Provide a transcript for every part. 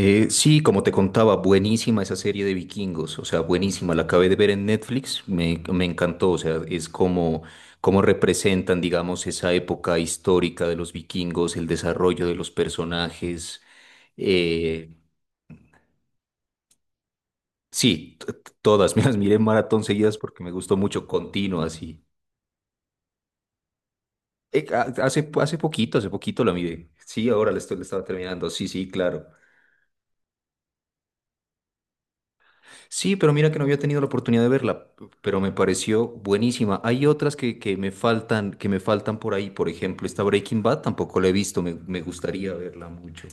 Sí, como te contaba, buenísima esa serie de vikingos, o sea, buenísima, la acabé de ver en Netflix, me encantó, o sea, es como representan, digamos, esa época histórica de los vikingos, el desarrollo de los personajes. eh, sí, todas, me las miré en maratón seguidas porque me gustó mucho, continua, así. Hace poquito la miré, sí, ahora la estaba terminando, sí, sí, claro. Sí, pero mira que no había tenido la oportunidad de verla, pero me pareció buenísima. Hay otras que me faltan, que me faltan por ahí. Por ejemplo, esta Breaking Bad tampoco la he visto, me gustaría verla mucho.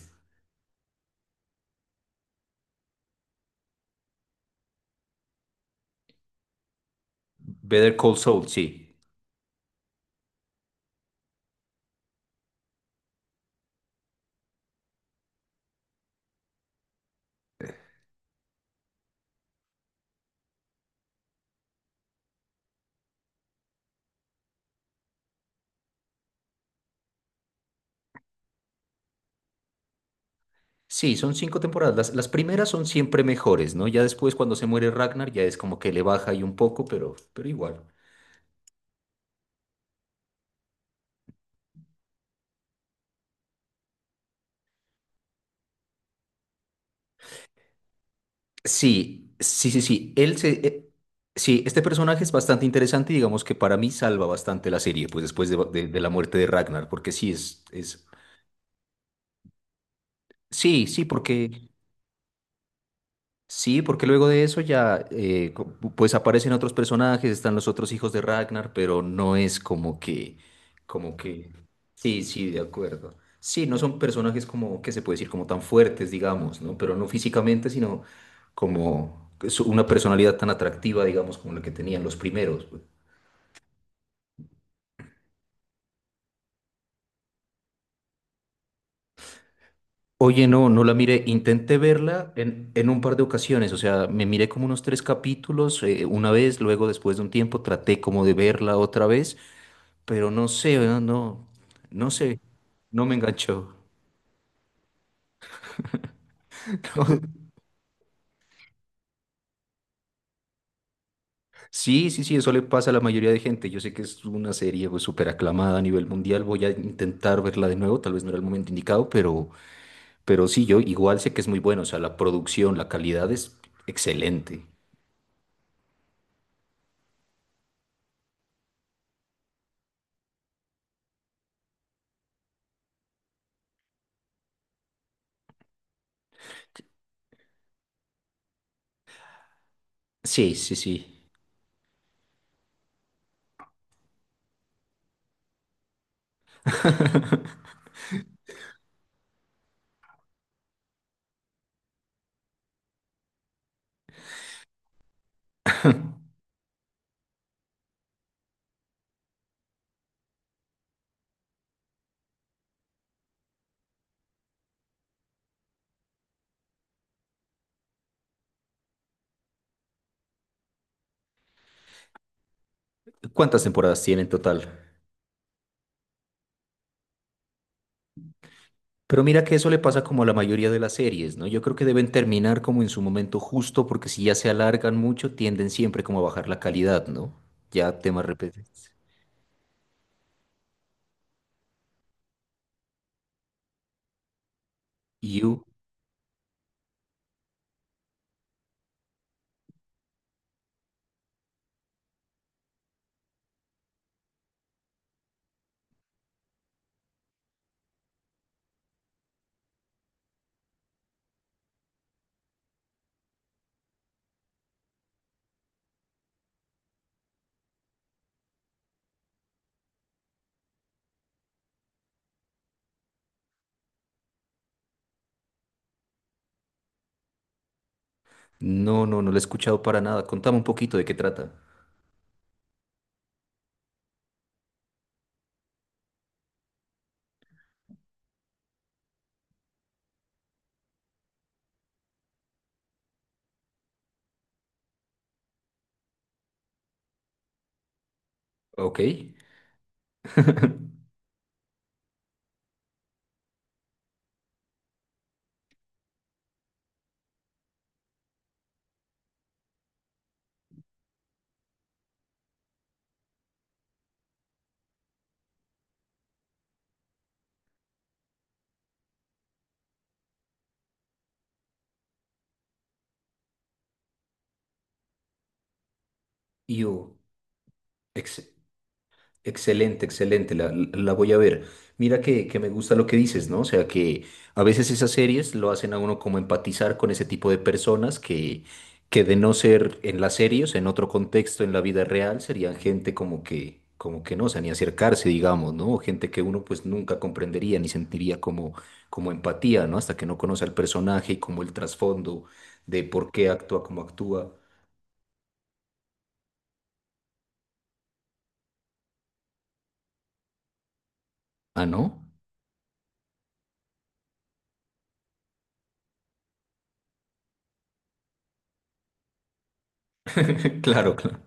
Better Call Saul, sí. Sí, son cinco temporadas. Las primeras son siempre mejores, ¿no? Ya después cuando se muere Ragnar ya es como que le baja ahí un poco, pero igual. Sí, sí, sí, sí. Sí, este personaje es bastante interesante y digamos que para mí salva bastante la serie, pues después de la muerte de Ragnar, porque sí es. Sí, sí, porque luego de eso ya pues aparecen otros personajes, están los otros hijos de Ragnar, pero no es como que. Sí, sí, de acuerdo. Sí, no son personajes como que se puede decir como tan fuertes, digamos, ¿no? Pero no físicamente, sino como que una personalidad tan atractiva, digamos, como la que tenían los primeros. Pues. Oye, no, no la miré. Intenté verla en un par de ocasiones, o sea, me miré como unos tres capítulos una vez, luego después de un tiempo traté como de verla otra vez, pero no sé, no, no, no sé, no me enganchó. Sí, sí, sí, eso le pasa a la mayoría de gente. Yo sé que es una serie pues, súper aclamada a nivel mundial. Voy a intentar verla de nuevo, tal vez no era el momento indicado, pero sí, yo igual sé que es muy bueno. O sea, la producción, la calidad es excelente. Sí, sí, sí. ¿Cuántas temporadas tiene en total? Pero mira que eso le pasa como a la mayoría de las series, ¿no? Yo creo que deben terminar como en su momento justo, porque si ya se alargan mucho, tienden siempre como a bajar la calidad, ¿no? Ya temas repetidos. You, no, no, no lo he escuchado para nada. Contame un poquito de qué trata. Ok. You, ex- excelente, excelente, voy a ver. Mira que me gusta lo que dices, ¿no? O sea, que a veces esas series lo hacen a uno como empatizar con ese tipo de personas que de no ser en las series, en otro contexto, en la vida real, serían gente como que no, o sea, ni acercarse, digamos, ¿no? O gente que uno pues nunca comprendería ni sentiría como empatía, ¿no? Hasta que no conoce al personaje y como el trasfondo de por qué actúa como actúa. Ah, ¿no? Claro, claro.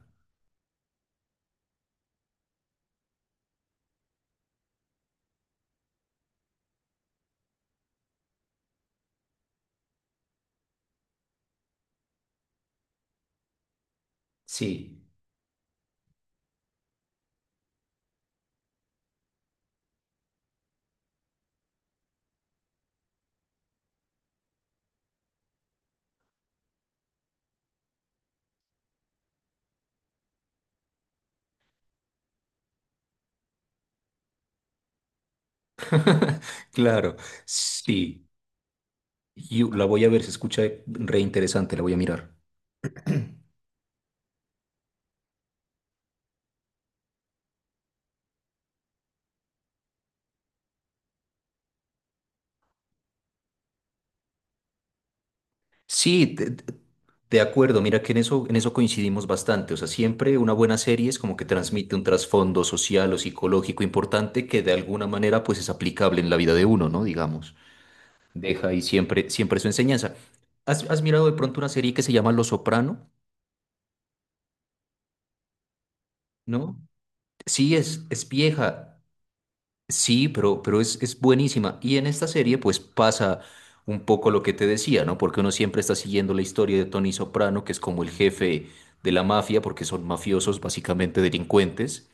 Sí. Claro, sí. Yo la voy a ver, se escucha re interesante, la voy a mirar. Sí, de acuerdo, mira que en eso coincidimos bastante. O sea, siempre una buena serie es como que transmite un trasfondo social o psicológico importante que de alguna manera pues es aplicable en la vida de uno, ¿no? Digamos, deja ahí siempre, siempre su enseñanza. ¿Has mirado de pronto una serie que se llama Los Soprano? ¿No? Sí, es vieja. Sí, pero es buenísima. Y en esta serie pues pasa un poco lo que te decía, ¿no? Porque uno siempre está siguiendo la historia de Tony Soprano, que es como el jefe de la mafia, porque son mafiosos, básicamente delincuentes.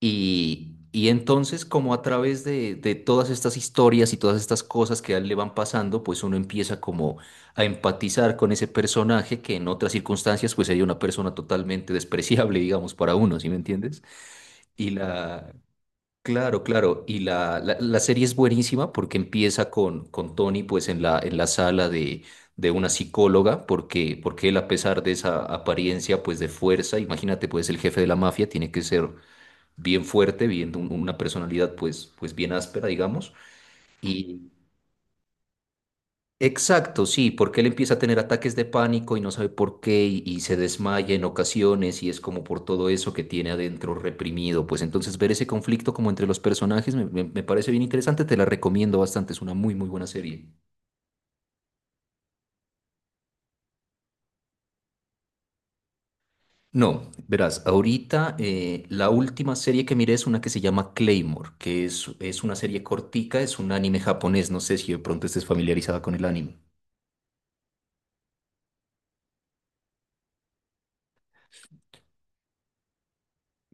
Y entonces como a través de todas estas historias y todas estas cosas que a él le van pasando, pues uno empieza como a empatizar con ese personaje que en otras circunstancias pues sería una persona totalmente despreciable, digamos, para uno, ¿sí me entiendes? Y la, Claro, claro. Y la serie es buenísima porque empieza con Tony pues en la sala de una psicóloga, porque él, a pesar de esa apariencia pues de fuerza, imagínate pues el jefe de la mafia tiene que ser bien fuerte, bien, una personalidad pues bien áspera digamos. Exacto, sí, porque él empieza a tener ataques de pánico y no sabe por qué y se desmaya en ocasiones y es como por todo eso que tiene adentro reprimido. Pues entonces ver ese conflicto como entre los personajes me parece bien interesante, te la recomiendo bastante, es una muy muy buena serie. No, verás, ahorita la última serie que miré es una que se llama Claymore, que es una serie cortica, es un anime japonés, no sé si de pronto estés familiarizada con el anime.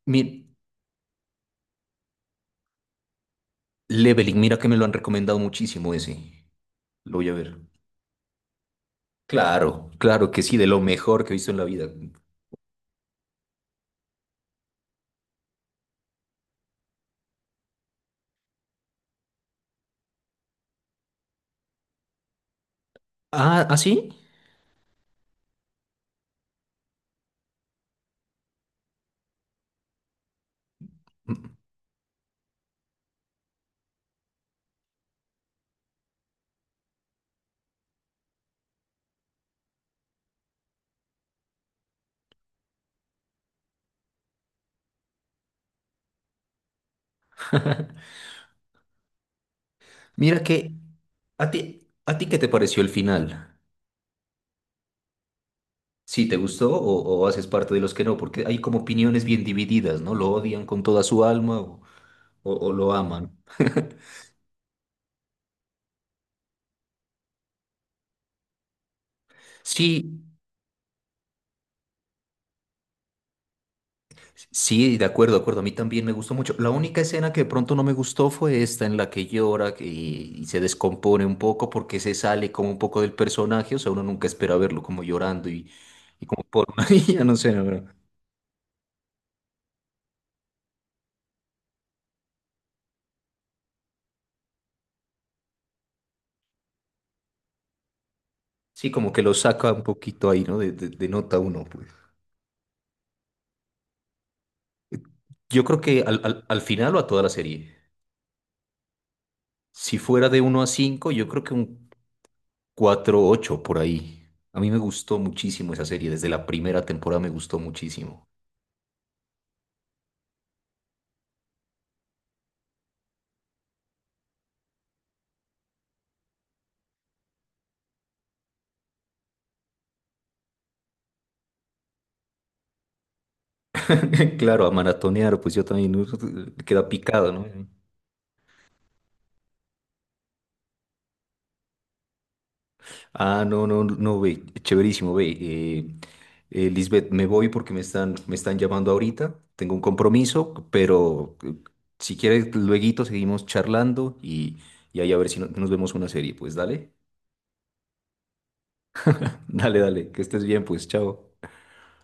Mi Leveling, mira que me lo han recomendado muchísimo ese, lo voy a ver. Claro, claro que sí, de lo mejor que he visto en la vida. Ah, ¿ah, sí? Mira que, ¿a ti qué te pareció el final? ¿Sí te gustó o haces parte de los que no? Porque hay como opiniones bien divididas, ¿no? ¿Lo odian con toda su alma o lo aman? Sí, sí, de acuerdo, de acuerdo. A mí también me gustó mucho. La única escena que de pronto no me gustó fue esta en la que llora y se descompone un poco porque se sale como un poco del personaje. O sea, uno nunca espera verlo como llorando y como por una niña, no sé, no, no. Sí, como que lo saca un poquito ahí, ¿no? De nota uno, pues. Yo creo que al final o a toda la serie, si fuera de 1 a 5, yo creo que un 4,8 por ahí. A mí me gustó muchísimo esa serie. Desde la primera temporada me gustó muchísimo. Claro, a maratonear, pues yo también queda picado, ¿no? Ah, no, no, no, ve, chéverísimo, ve. Lisbeth, me voy porque me están llamando ahorita, tengo un compromiso, pero, si quieres, lueguito seguimos charlando y ahí a ver si nos vemos una serie, pues dale, dale, dale, que estés bien, pues chao.